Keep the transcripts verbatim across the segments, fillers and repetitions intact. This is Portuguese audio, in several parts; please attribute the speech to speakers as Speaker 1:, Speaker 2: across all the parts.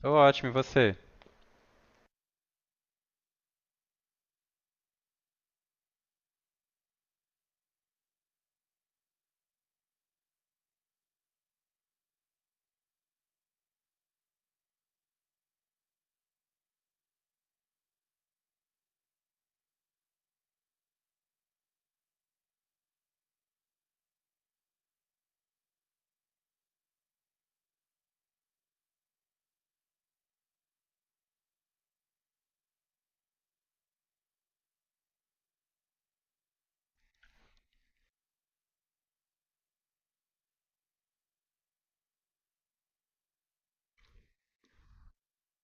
Speaker 1: Tô ótimo, e você?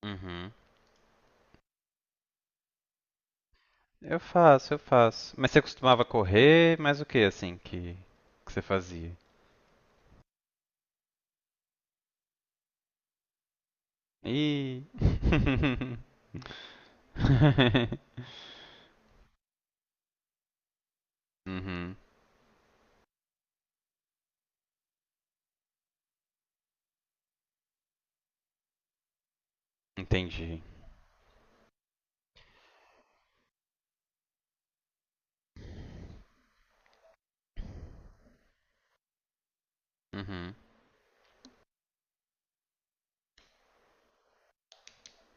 Speaker 1: Uhum. Eu faço, eu faço. Mas você costumava correr, mas o que assim que, que você fazia? Ih. Uhum. Entendi. Uhum.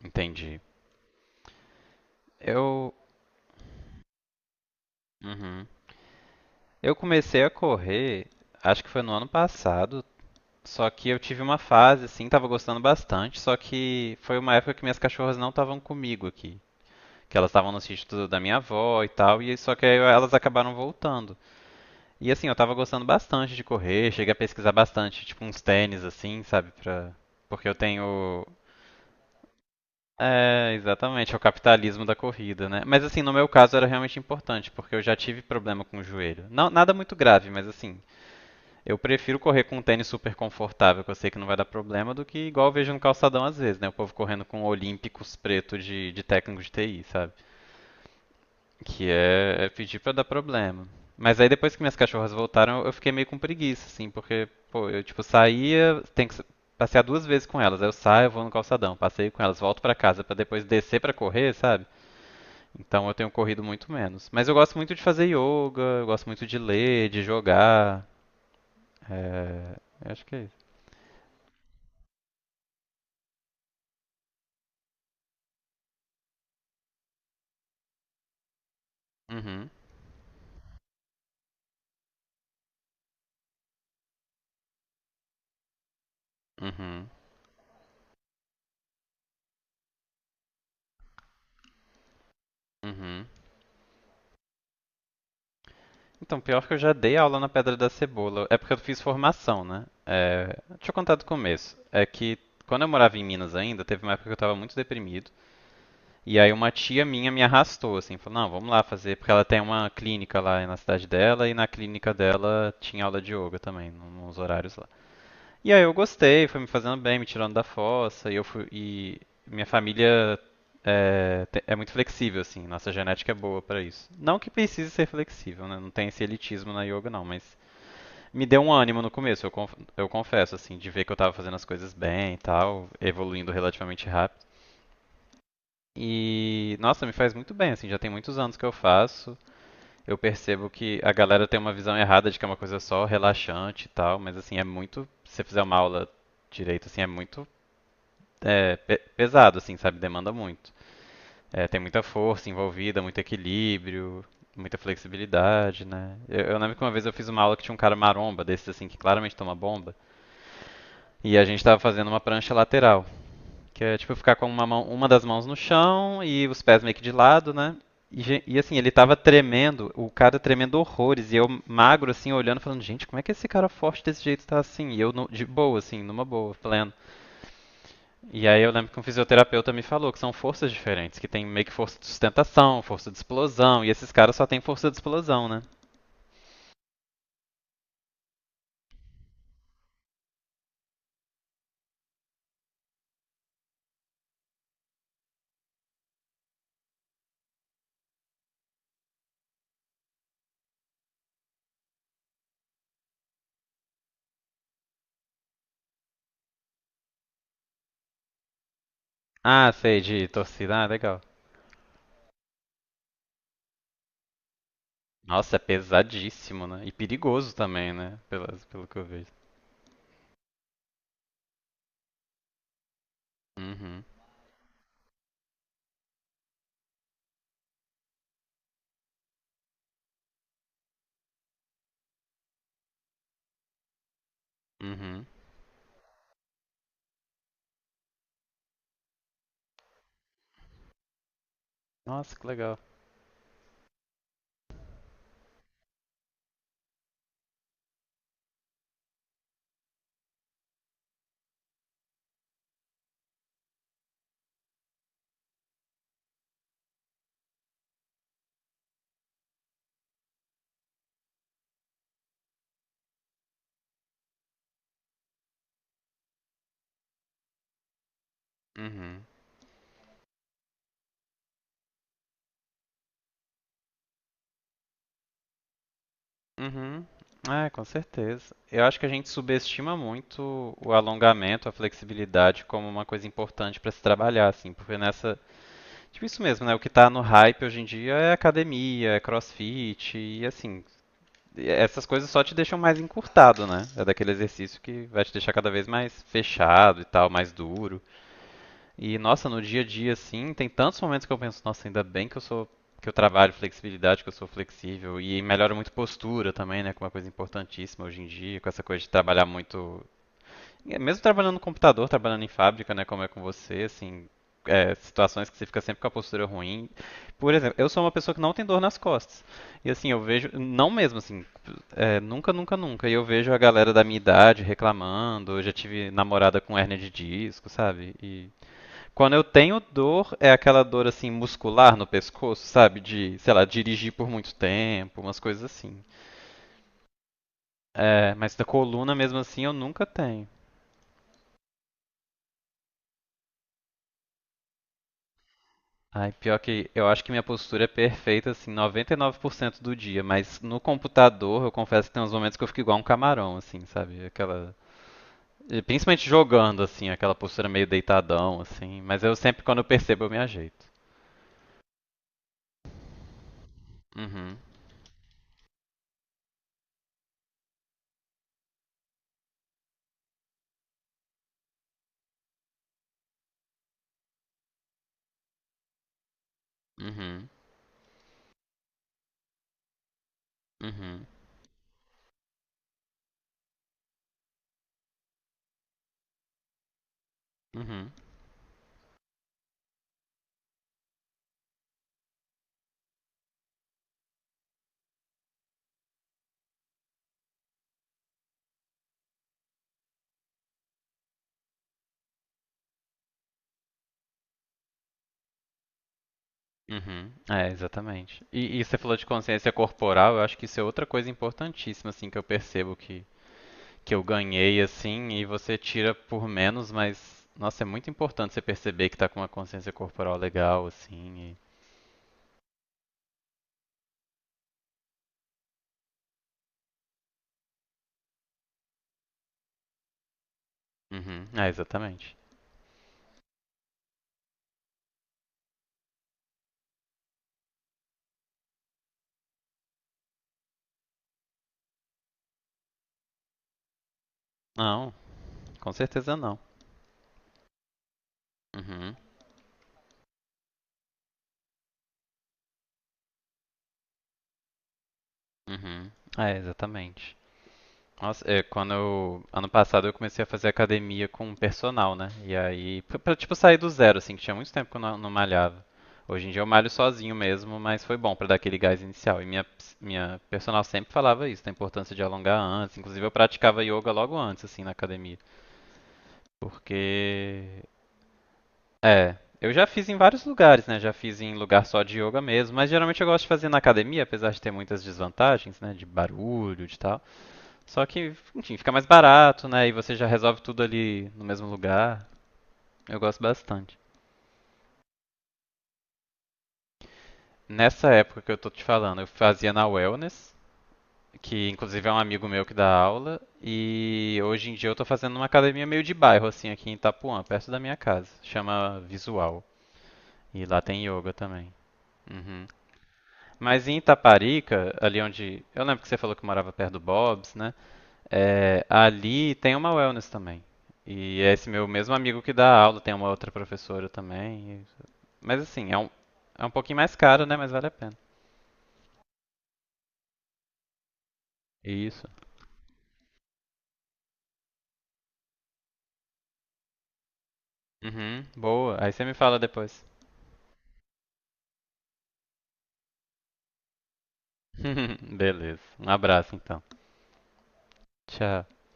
Speaker 1: Entendi. Eu. Uhum. Eu comecei a correr, acho que foi no ano passado, só que eu tive uma fase assim, tava gostando bastante, só que foi uma época que minhas cachorras não estavam comigo aqui, que elas estavam no sítio do- da minha avó e tal, e só que aí elas acabaram voltando. E assim, eu tava gostando bastante de correr, cheguei a pesquisar bastante, tipo uns tênis assim, sabe, pra... porque eu tenho é, exatamente, é o capitalismo da corrida, né? Mas assim, no meu caso era realmente importante, porque eu já tive problema com o joelho. Não, nada muito grave, mas assim, eu prefiro correr com um tênis super confortável, que eu sei que não vai dar problema, do que igual eu vejo no calçadão às vezes, né? O povo correndo com olímpicos preto de, de técnico de T I, sabe? Que é, é pedir pra dar problema. Mas aí depois que minhas cachorras voltaram, eu fiquei meio com preguiça, assim, porque, pô, eu tipo saía, tenho que sa- passear duas vezes com elas. Aí eu saio, eu vou no calçadão, passeio com elas, volto pra casa pra depois descer pra correr, sabe? Então eu tenho corrido muito menos. Mas eu gosto muito de fazer yoga, eu gosto muito de ler, de jogar. É... Eu acho que é isso. Uhum, uhum, uhum. Então, pior que eu já dei aula na Pedra da Cebola. É porque eu fiz formação, né? É, deixa eu contar do começo. É que quando eu morava em Minas ainda, teve uma época que eu estava muito deprimido. E aí uma tia minha me arrastou, assim, falou, não, vamos lá fazer, porque ela tem uma clínica lá na cidade dela, e na clínica dela tinha aula de yoga também, nos horários lá. E aí eu gostei, foi me fazendo bem, me tirando da fossa, e eu fui, e minha família é, te- é muito flexível, assim, nossa genética é boa pra isso. Não que precise ser flexível, né? Não tem esse elitismo na yoga, não, mas me deu um ânimo no começo, eu, conf- eu confesso, assim, de ver que eu tava fazendo as coisas bem e tal, evoluindo relativamente rápido. E, nossa, me faz muito bem, assim, já tem muitos anos que eu faço. Eu percebo que a galera tem uma visão errada de que é uma coisa só relaxante e tal, mas, assim, é muito. Se você fizer uma aula direito, assim, é muito é pe- pesado, assim, sabe? Demanda muito. É, tem muita força envolvida, muito equilíbrio, muita flexibilidade, né? Eu, eu lembro que uma vez eu fiz uma aula que tinha um cara maromba, desses assim, que claramente toma bomba, e a gente tava fazendo uma prancha lateral, que é tipo ficar com uma mão, uma das mãos no chão e os pés meio que de lado, né? E, gen- e, assim, ele tava tremendo, o cara tremendo horrores, e eu magro assim, olhando, falando, gente, como é que esse cara forte desse jeito tá assim? E eu no- de boa, assim, numa boa, plena. E aí eu lembro que um fisioterapeuta me falou que são forças diferentes, que tem meio que força de sustentação, força de explosão, e esses caras só têm força de explosão, né? Ah, sei, de torcida, ah, legal. Nossa, é pesadíssimo, né? E perigoso também, né? Pelas, pelo que eu vejo. Uhum, uhum. Nossa, que legal. Uhum, uhum. É, com certeza. Eu acho que a gente subestima muito o alongamento, a flexibilidade como uma coisa importante para se trabalhar, assim, porque nessa tipo isso mesmo, né? O que tá no hype hoje em dia é academia, é crossfit e assim, essas coisas só te deixam mais encurtado, né? É daquele exercício que vai te deixar cada vez mais fechado e tal, mais duro. E nossa, no dia a dia assim, tem tantos momentos que eu penso, nossa, ainda bem que eu sou que eu trabalho flexibilidade, que eu sou flexível e melhora muito postura também, né, que é uma coisa importantíssima hoje em dia, com essa coisa de trabalhar muito é, mesmo trabalhando no computador, trabalhando em fábrica, né, como é com você, assim, é, situações que você fica sempre com a postura ruim. Por exemplo, eu sou uma pessoa que não tem dor nas costas. E assim, eu vejo, não mesmo assim, é, nunca, nunca, nunca. E eu vejo a galera da minha idade reclamando, eu já tive namorada com hérnia de disco, sabe? E quando eu tenho dor, é aquela dor assim muscular no pescoço, sabe? De, sei lá, dirigir por muito tempo, umas coisas assim. É, mas da coluna mesmo assim eu nunca tenho. Ai, pior que eu acho que minha postura é perfeita, assim, noventa e nove por cento do dia, mas no computador eu confesso que tem uns momentos que eu fico igual um camarão, assim, sabe? Aquela. e Principalmente jogando, assim, aquela postura meio deitadão, assim, mas eu sempre, quando eu percebo, eu me ajeito. Uhum, uhum, uhum, uhum, uhum. É, exatamente. E, e você falou de consciência corporal, eu acho que isso é outra coisa importantíssima, assim, que eu percebo que que eu ganhei, assim, e você tira por menos, mas, nossa, é muito importante você perceber que tá com uma consciência corporal legal, assim, e... uhum, é, exatamente. Não, com certeza não. Uhum, uhum, é, exatamente. Nossa, é, quando eu, ano passado eu comecei a fazer academia com personal, né? E aí, pra, pra, tipo sair do zero, assim, que tinha muito tempo que eu não, não malhava. Hoje em dia eu malho sozinho mesmo, mas foi bom pra dar aquele gás inicial. E minha, ps- minha personal sempre falava isso, da importância de alongar antes. Inclusive eu praticava yoga logo antes, assim, na academia. Porque, é, eu já fiz em vários lugares, né? Já fiz em lugar só de yoga mesmo, mas geralmente eu gosto de fazer na academia, apesar de ter muitas desvantagens, né? De barulho, de tal. Só que, enfim, fica mais barato, né? E você já resolve tudo ali no mesmo lugar. Eu gosto bastante. Nessa época que eu tô te falando, eu fazia na Wellness, que inclusive é um amigo meu que dá aula, e hoje em dia eu tô fazendo numa academia meio de bairro, assim, aqui em Itapuã, perto da minha casa. Chama Visual. E lá tem yoga também. Uhum. Mas em Itaparica, ali onde. Eu lembro que você falou que morava perto do Bob's, né? É, ali tem uma wellness também. E é esse meu mesmo amigo que dá aula tem uma outra professora também. e- Mas assim, é um, é um, pouquinho mais caro, né? Mas vale a pena. Isso. Uhum, boa. Aí você me fala depois. Beleza. Um abraço então. Tchau.